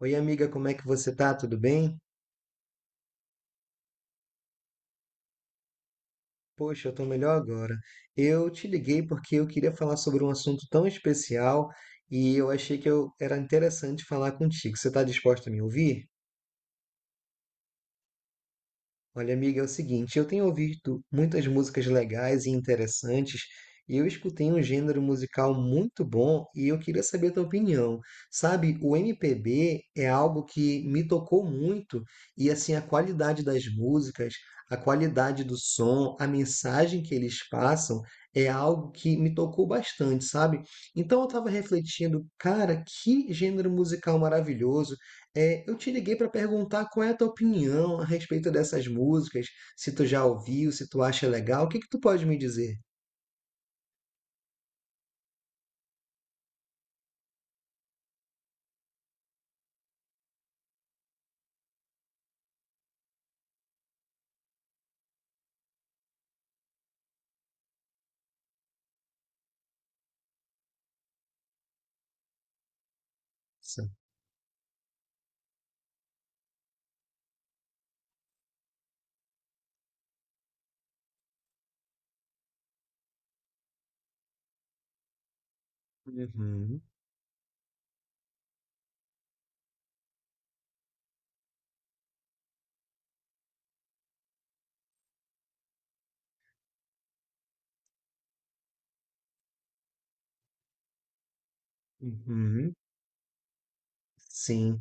Oi, amiga, como é que você tá? Tudo bem? Poxa, eu tô melhor agora. Eu te liguei porque eu queria falar sobre um assunto tão especial e eu achei que eu era interessante falar contigo. Você tá disposta a me ouvir? Olha, amiga, é o seguinte, eu tenho ouvido muitas músicas legais e interessantes, e eu escutei um gênero musical muito bom e eu queria saber a tua opinião. Sabe, o MPB é algo que me tocou muito, e assim, a qualidade das músicas, a qualidade do som, a mensagem que eles passam é algo que me tocou bastante, sabe? Então eu estava refletindo, cara, que gênero musical maravilhoso. É, eu te liguei para perguntar qual é a tua opinião a respeito dessas músicas, se tu já ouviu, se tu acha legal, o que que tu pode me dizer? Sim. Uhum, uhum, sim.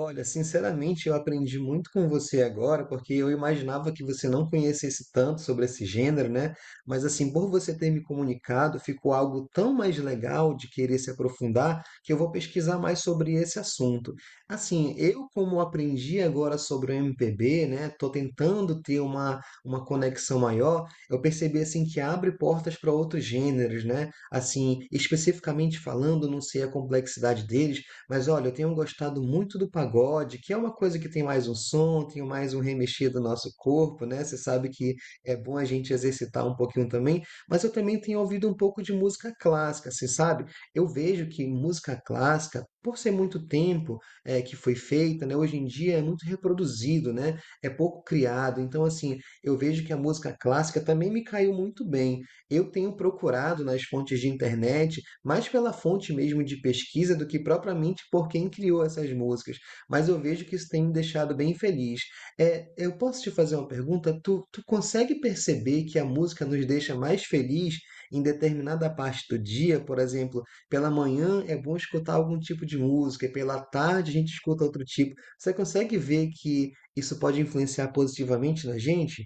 Olha, sinceramente, eu aprendi muito com você agora, porque eu imaginava que você não conhecesse tanto sobre esse gênero, né? Mas assim, por você ter me comunicado, ficou algo tão mais legal de querer se aprofundar, que eu vou pesquisar mais sobre esse assunto. Assim, eu como aprendi agora sobre o MPB, né? Tô tentando ter uma conexão maior, eu percebi assim que abre portas para outros gêneros, né? Assim, especificamente falando, não sei a complexidade deles, mas olha, eu tenho gostado muito do pagode, que é uma coisa que tem mais um som, tem mais um remexer do nosso corpo, né? Você sabe que é bom a gente exercitar um pouquinho também, mas eu também tenho ouvido um pouco de música clássica, você sabe? Eu vejo que música clássica, por ser muito tempo que foi feita, né? Hoje em dia é muito reproduzido, né? É pouco criado. Então, assim, eu vejo que a música clássica também me caiu muito bem. Eu tenho procurado nas fontes de internet mais pela fonte mesmo de pesquisa do que propriamente por quem criou essas músicas, mas eu vejo que isso tem me deixado bem feliz. Eu posso te fazer uma pergunta? Tu consegue perceber que a música nos deixa mais feliz em determinada parte do dia? Por exemplo, pela manhã é bom escutar algum tipo de música e pela tarde a gente escuta outro tipo. Você consegue ver que isso pode influenciar positivamente na gente?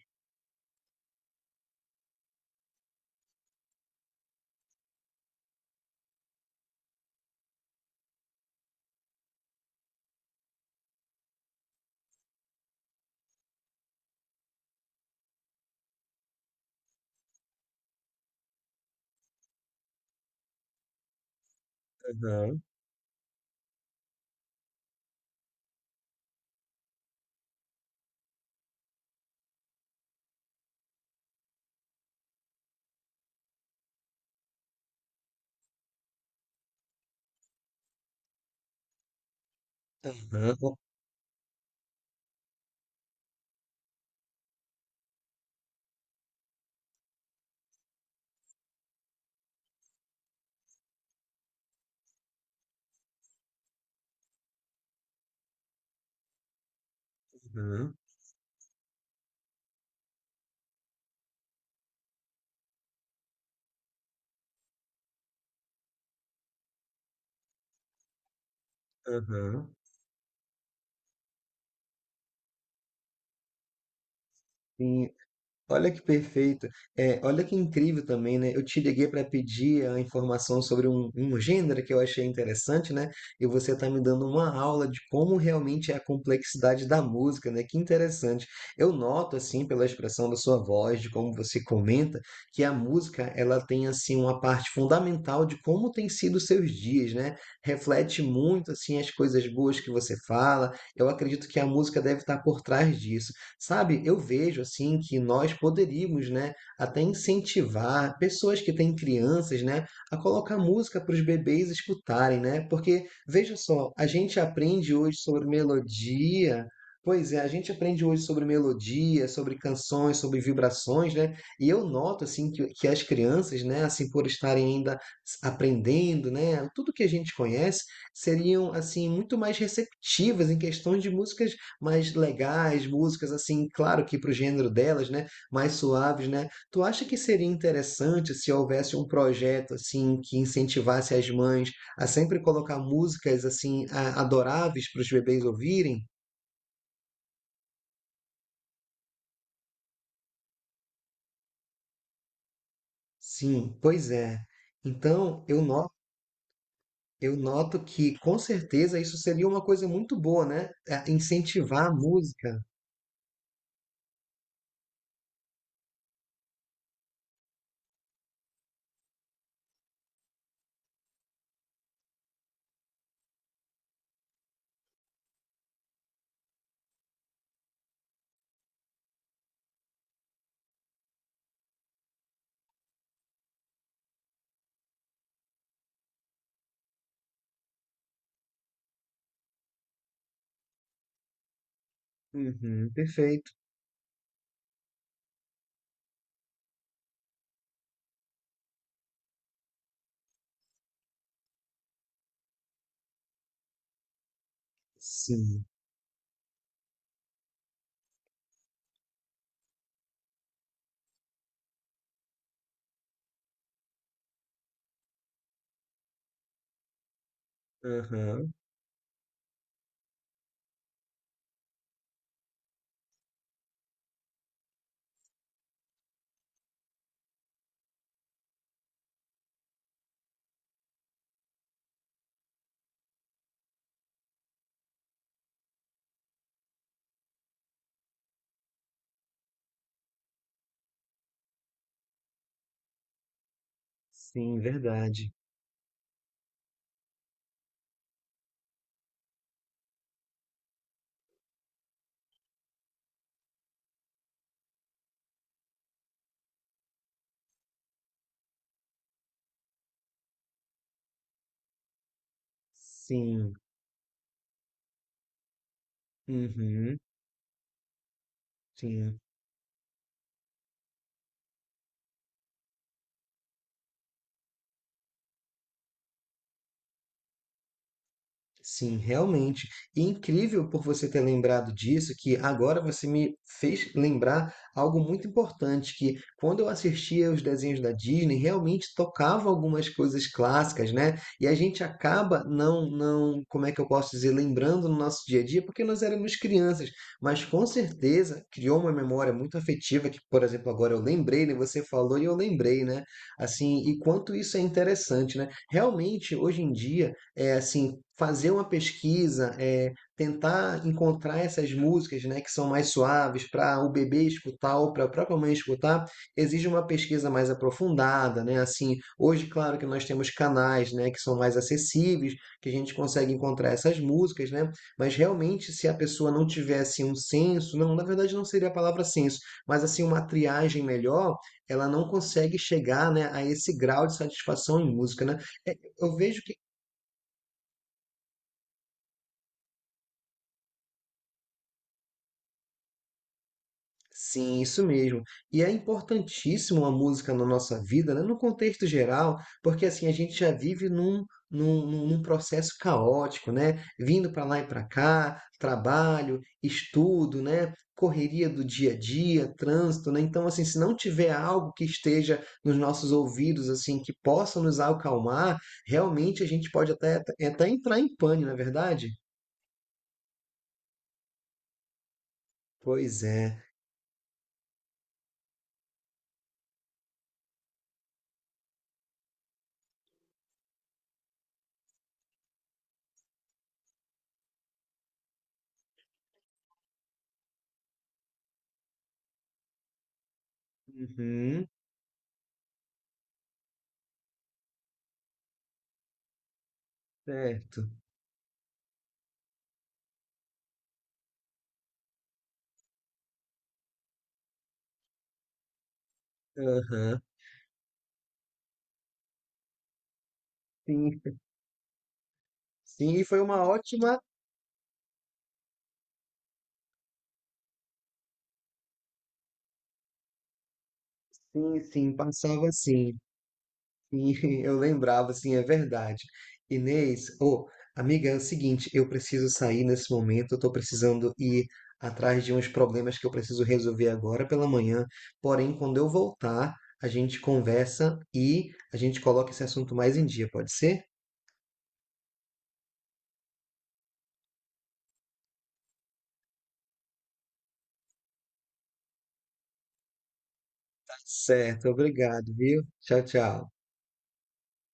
Aham, aham, aham, aham. Sim, olha que perfeito. É. Olha que incrível também, né, eu te liguei para pedir a informação sobre um gênero que eu achei interessante, né, e você está me dando uma aula de como realmente é a complexidade da música, né, que interessante. Eu noto, assim, pela expressão da sua voz, de como você comenta, que a música ela tem, assim, uma parte fundamental de como tem sido os seus dias, né, reflete muito, assim, as coisas boas que você fala, eu acredito que a música deve estar por trás disso. Sabe, eu vejo assim que nós poderíamos, né, até incentivar pessoas que têm crianças, né, a colocar música para os bebês escutarem, né? Porque veja só, a gente aprende hoje sobre melodia. Pois é, a gente aprende hoje sobre melodia, sobre canções, sobre vibrações, né? E eu noto assim que as crianças, né, assim por estarem ainda s- aprendendo, né, tudo que a gente conhece, seriam assim muito mais receptivas em questões de músicas mais legais, músicas assim, claro que para o gênero delas, né, mais suaves, né? Tu acha que seria interessante se houvesse um projeto assim que incentivasse as mães a sempre colocar músicas assim a- adoráveis para os bebês ouvirem? Sim, pois é. Então, eu noto que com certeza isso seria uma coisa muito boa, né? É, incentivar a música. Uhum, perfeito. Sim. Aham. Sim, verdade. Sim. Uhum. Sim, sim, realmente. E incrível por você ter lembrado disso, que agora você me fez lembrar algo muito importante, que quando eu assistia os desenhos da Disney, realmente tocava algumas coisas clássicas, né? E a gente acaba não, como é que eu posso dizer, lembrando no nosso dia a dia, porque nós éramos crianças, mas com certeza criou uma memória muito afetiva, que, por exemplo, agora eu lembrei, né? Você falou e eu lembrei, né? Assim, e quanto isso é interessante, né? Realmente, hoje em dia, é assim, fazer uma pesquisa, é, tentar encontrar essas músicas, né, que são mais suaves para o bebê escutar ou para a própria mãe escutar, exige uma pesquisa mais aprofundada, né? Assim, hoje, claro que nós temos canais, né, que são mais acessíveis, que a gente consegue encontrar essas músicas, né? Mas realmente, se a pessoa não tivesse um senso, não, na verdade não seria a palavra senso, mas assim uma triagem melhor, ela não consegue chegar, né, a esse grau de satisfação em música, né? É, eu vejo que sim, isso mesmo. E é importantíssimo a música na nossa vida, né? No contexto geral, porque assim a gente já vive num, num processo caótico, né? Vindo para lá e para cá, trabalho, estudo, né? Correria do dia a dia, trânsito, né? Então, assim, se não tiver algo que esteja nos nossos ouvidos, assim, que possa nos acalmar, realmente a gente pode até, até entrar em pânico, não é verdade? Pois é. Uhum, certo. Aham. Sim. Sim, e foi uma ótima. Sim, sim, passava assim. Sim, eu lembrava, sim, é verdade. Inês, ô, amiga, é o seguinte, eu preciso sair nesse momento, eu tô precisando ir atrás de uns problemas que eu preciso resolver agora pela manhã. Porém, quando eu voltar, a gente conversa e a gente coloca esse assunto mais em dia, pode ser? Tá certo, obrigado, viu? Tchau, tchau.